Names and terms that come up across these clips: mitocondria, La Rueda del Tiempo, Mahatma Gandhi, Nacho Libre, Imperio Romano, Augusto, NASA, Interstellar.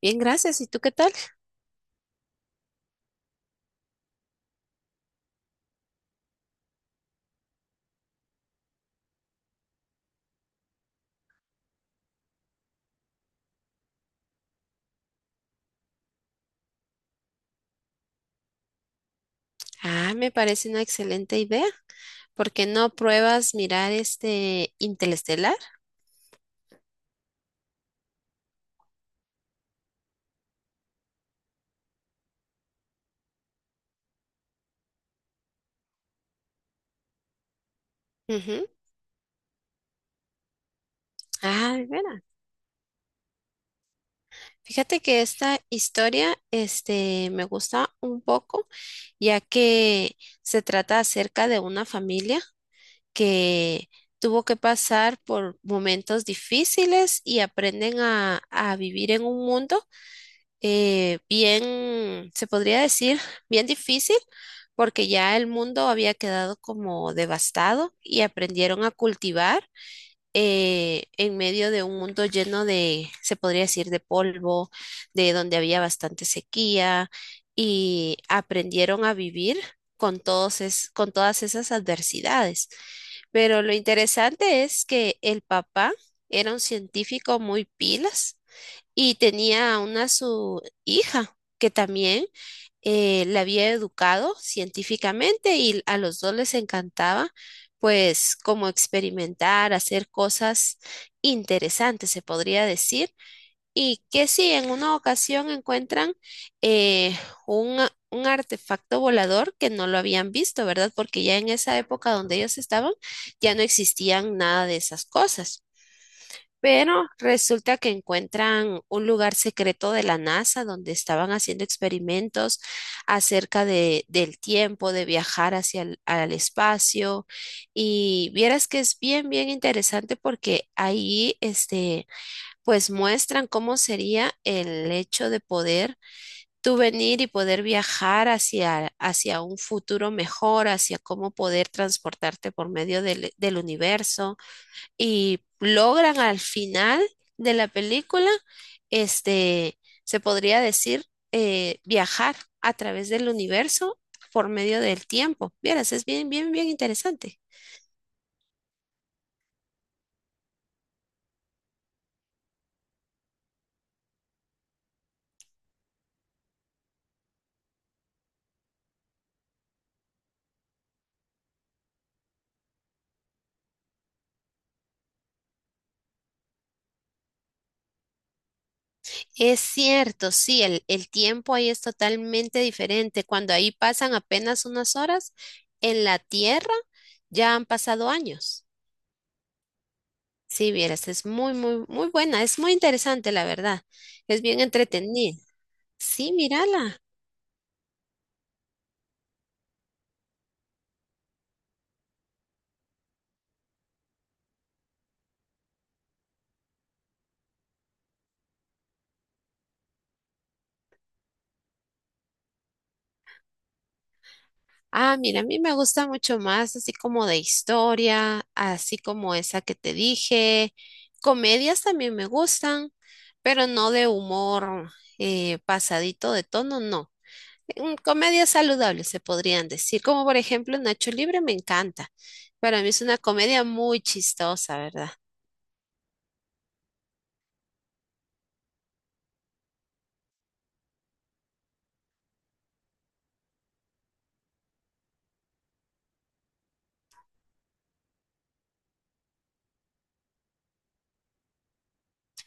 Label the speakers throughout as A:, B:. A: Bien, gracias. ¿Y tú qué tal? Ah, me parece una excelente idea. ¿Por qué no pruebas mirar este Interestelar? Ujú. Ah, de veras. Fíjate que esta historia, me gusta un poco, ya que se trata acerca de una familia que tuvo que pasar por momentos difíciles y aprenden a vivir en un mundo bien, se podría decir, bien difícil, porque ya el mundo había quedado como devastado y aprendieron a cultivar en medio de un mundo lleno de, se podría decir, de polvo, de donde había bastante sequía y aprendieron a vivir con todas esas adversidades. Pero lo interesante es que el papá era un científico muy pilas y tenía una su hija que también la había educado científicamente y a los dos les encantaba pues como experimentar, hacer cosas interesantes, se podría decir. Y que si en una ocasión encuentran eh, un, un artefacto volador que no lo habían visto, ¿verdad? Porque ya en esa época donde ellos estaban ya no existían nada de esas cosas. Pero resulta que encuentran un lugar secreto de la NASA donde estaban haciendo experimentos acerca del tiempo, de viajar hacia el al espacio. Y vieras que es bien, bien interesante porque ahí, pues muestran cómo sería el hecho de poder tú venir y poder viajar hacia un futuro mejor, hacia cómo poder transportarte por medio del universo y logran al final de la película, este, se podría decir, viajar a través del universo por medio del tiempo. Vieras, es bien interesante. Es cierto, sí, el tiempo ahí es totalmente diferente. Cuando ahí pasan apenas unas horas, en la Tierra ya han pasado años. Sí, vieras, es muy buena, es muy interesante, la verdad. Es bien entretenida. Sí, mírala. Ah, mira, a mí me gusta mucho más así como de historia, así como esa que te dije. Comedias también me gustan, pero no de humor pasadito de tono, no. Comedias saludables se podrían decir, como por ejemplo Nacho Libre me encanta. Para mí es una comedia muy chistosa, ¿verdad?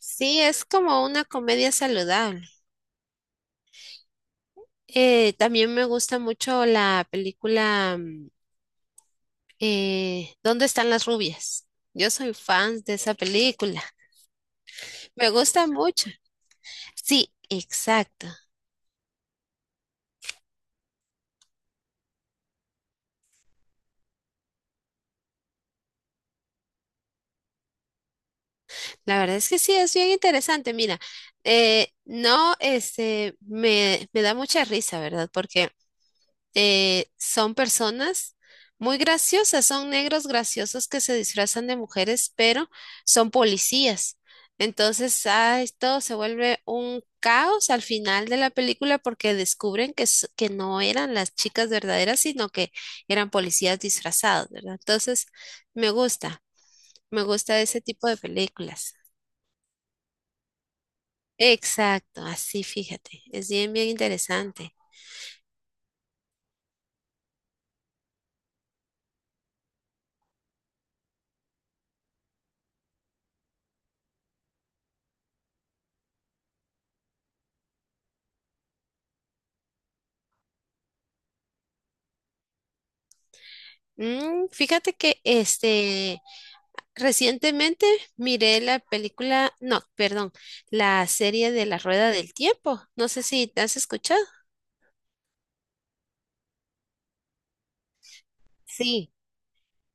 A: Sí, es como una comedia saludable. También me gusta mucho la película ¿dónde están las rubias? Yo soy fan de esa película. Me gusta mucho. Sí, exacto. La verdad es que sí, es bien interesante. Mira, no, este, me da mucha risa, ¿verdad? Porque son personas muy graciosas, son negros graciosos que se disfrazan de mujeres, pero son policías. Entonces, ay, todo se vuelve un caos al final de la película porque descubren que no eran las chicas verdaderas, sino que eran policías disfrazados, ¿verdad? Entonces, me gusta, me gusta ese tipo de películas. Exacto, así fíjate, es bien, bien interesante. Fíjate que recientemente miré la película, no, perdón, la serie de La Rueda del Tiempo. No sé si te has escuchado. Sí,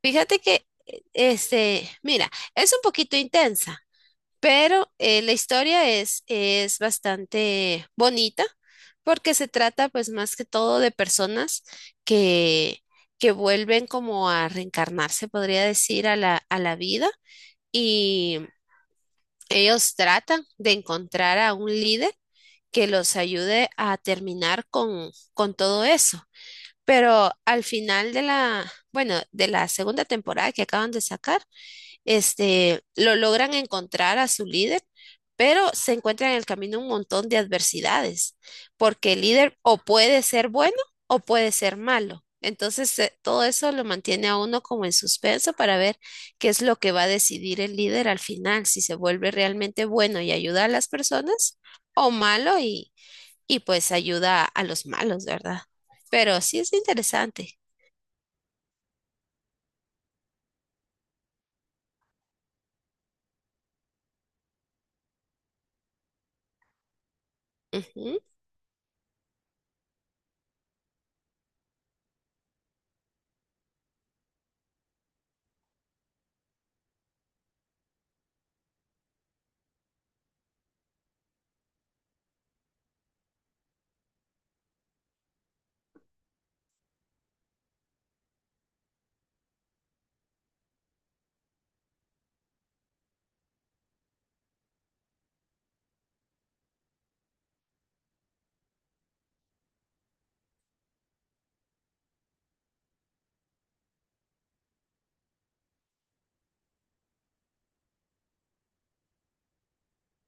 A: fíjate mira, es un poquito intensa, pero la historia es bastante bonita porque se trata pues más que todo de personas que, que vuelven como a reencarnarse, podría decir, a la vida y ellos tratan de encontrar a un líder que los ayude a terminar con todo eso. Pero al final de la, bueno, de la segunda temporada que acaban de sacar, lo logran encontrar a su líder, pero se encuentran en el camino un montón de adversidades, porque el líder o puede ser bueno o puede ser malo. Entonces, todo eso lo mantiene a uno como en suspenso para ver qué es lo que va a decidir el líder al final, si se vuelve realmente bueno y ayuda a las personas o malo y pues ayuda a los malos, ¿verdad? Pero sí es interesante. Ujú.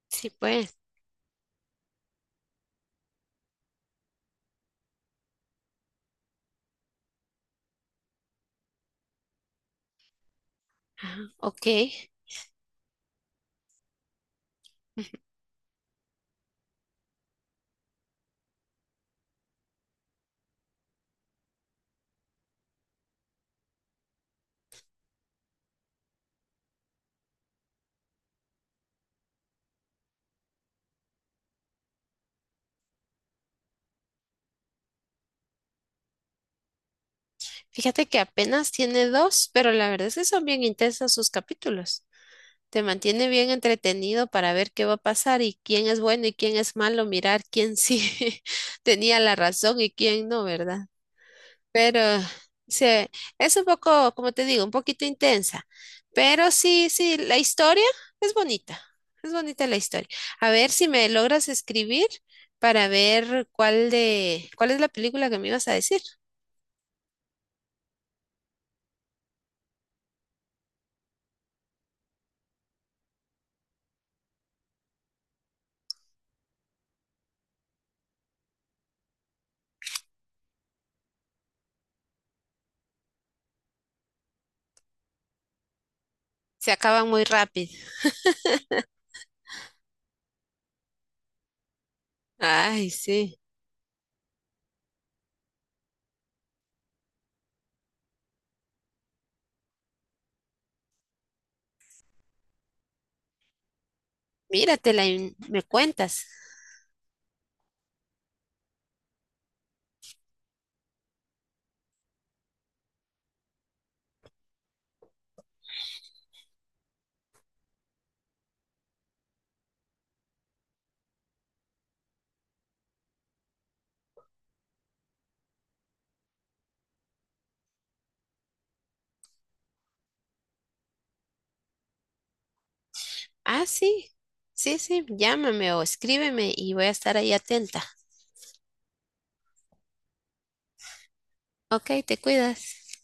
A: Sí, pues. Ah, ok. Fíjate que apenas tiene dos, pero la verdad es que son bien intensos sus capítulos. Te mantiene bien entretenido para ver qué va a pasar y quién es bueno y quién es malo, mirar quién sí tenía la razón y quién no, ¿verdad? Pero sí, es un poco, como te digo, un poquito intensa. Pero sí, sí, la historia es bonita. Es bonita la historia. A ver si me logras escribir para ver cuál es la película que me ibas a decir. Se acaba muy rápido. Ay, sí. Míratela y me cuentas. Ah, sí. Sí, sí. Llámame o escríbeme y voy a estar ahí atenta. Ok, te cuidas.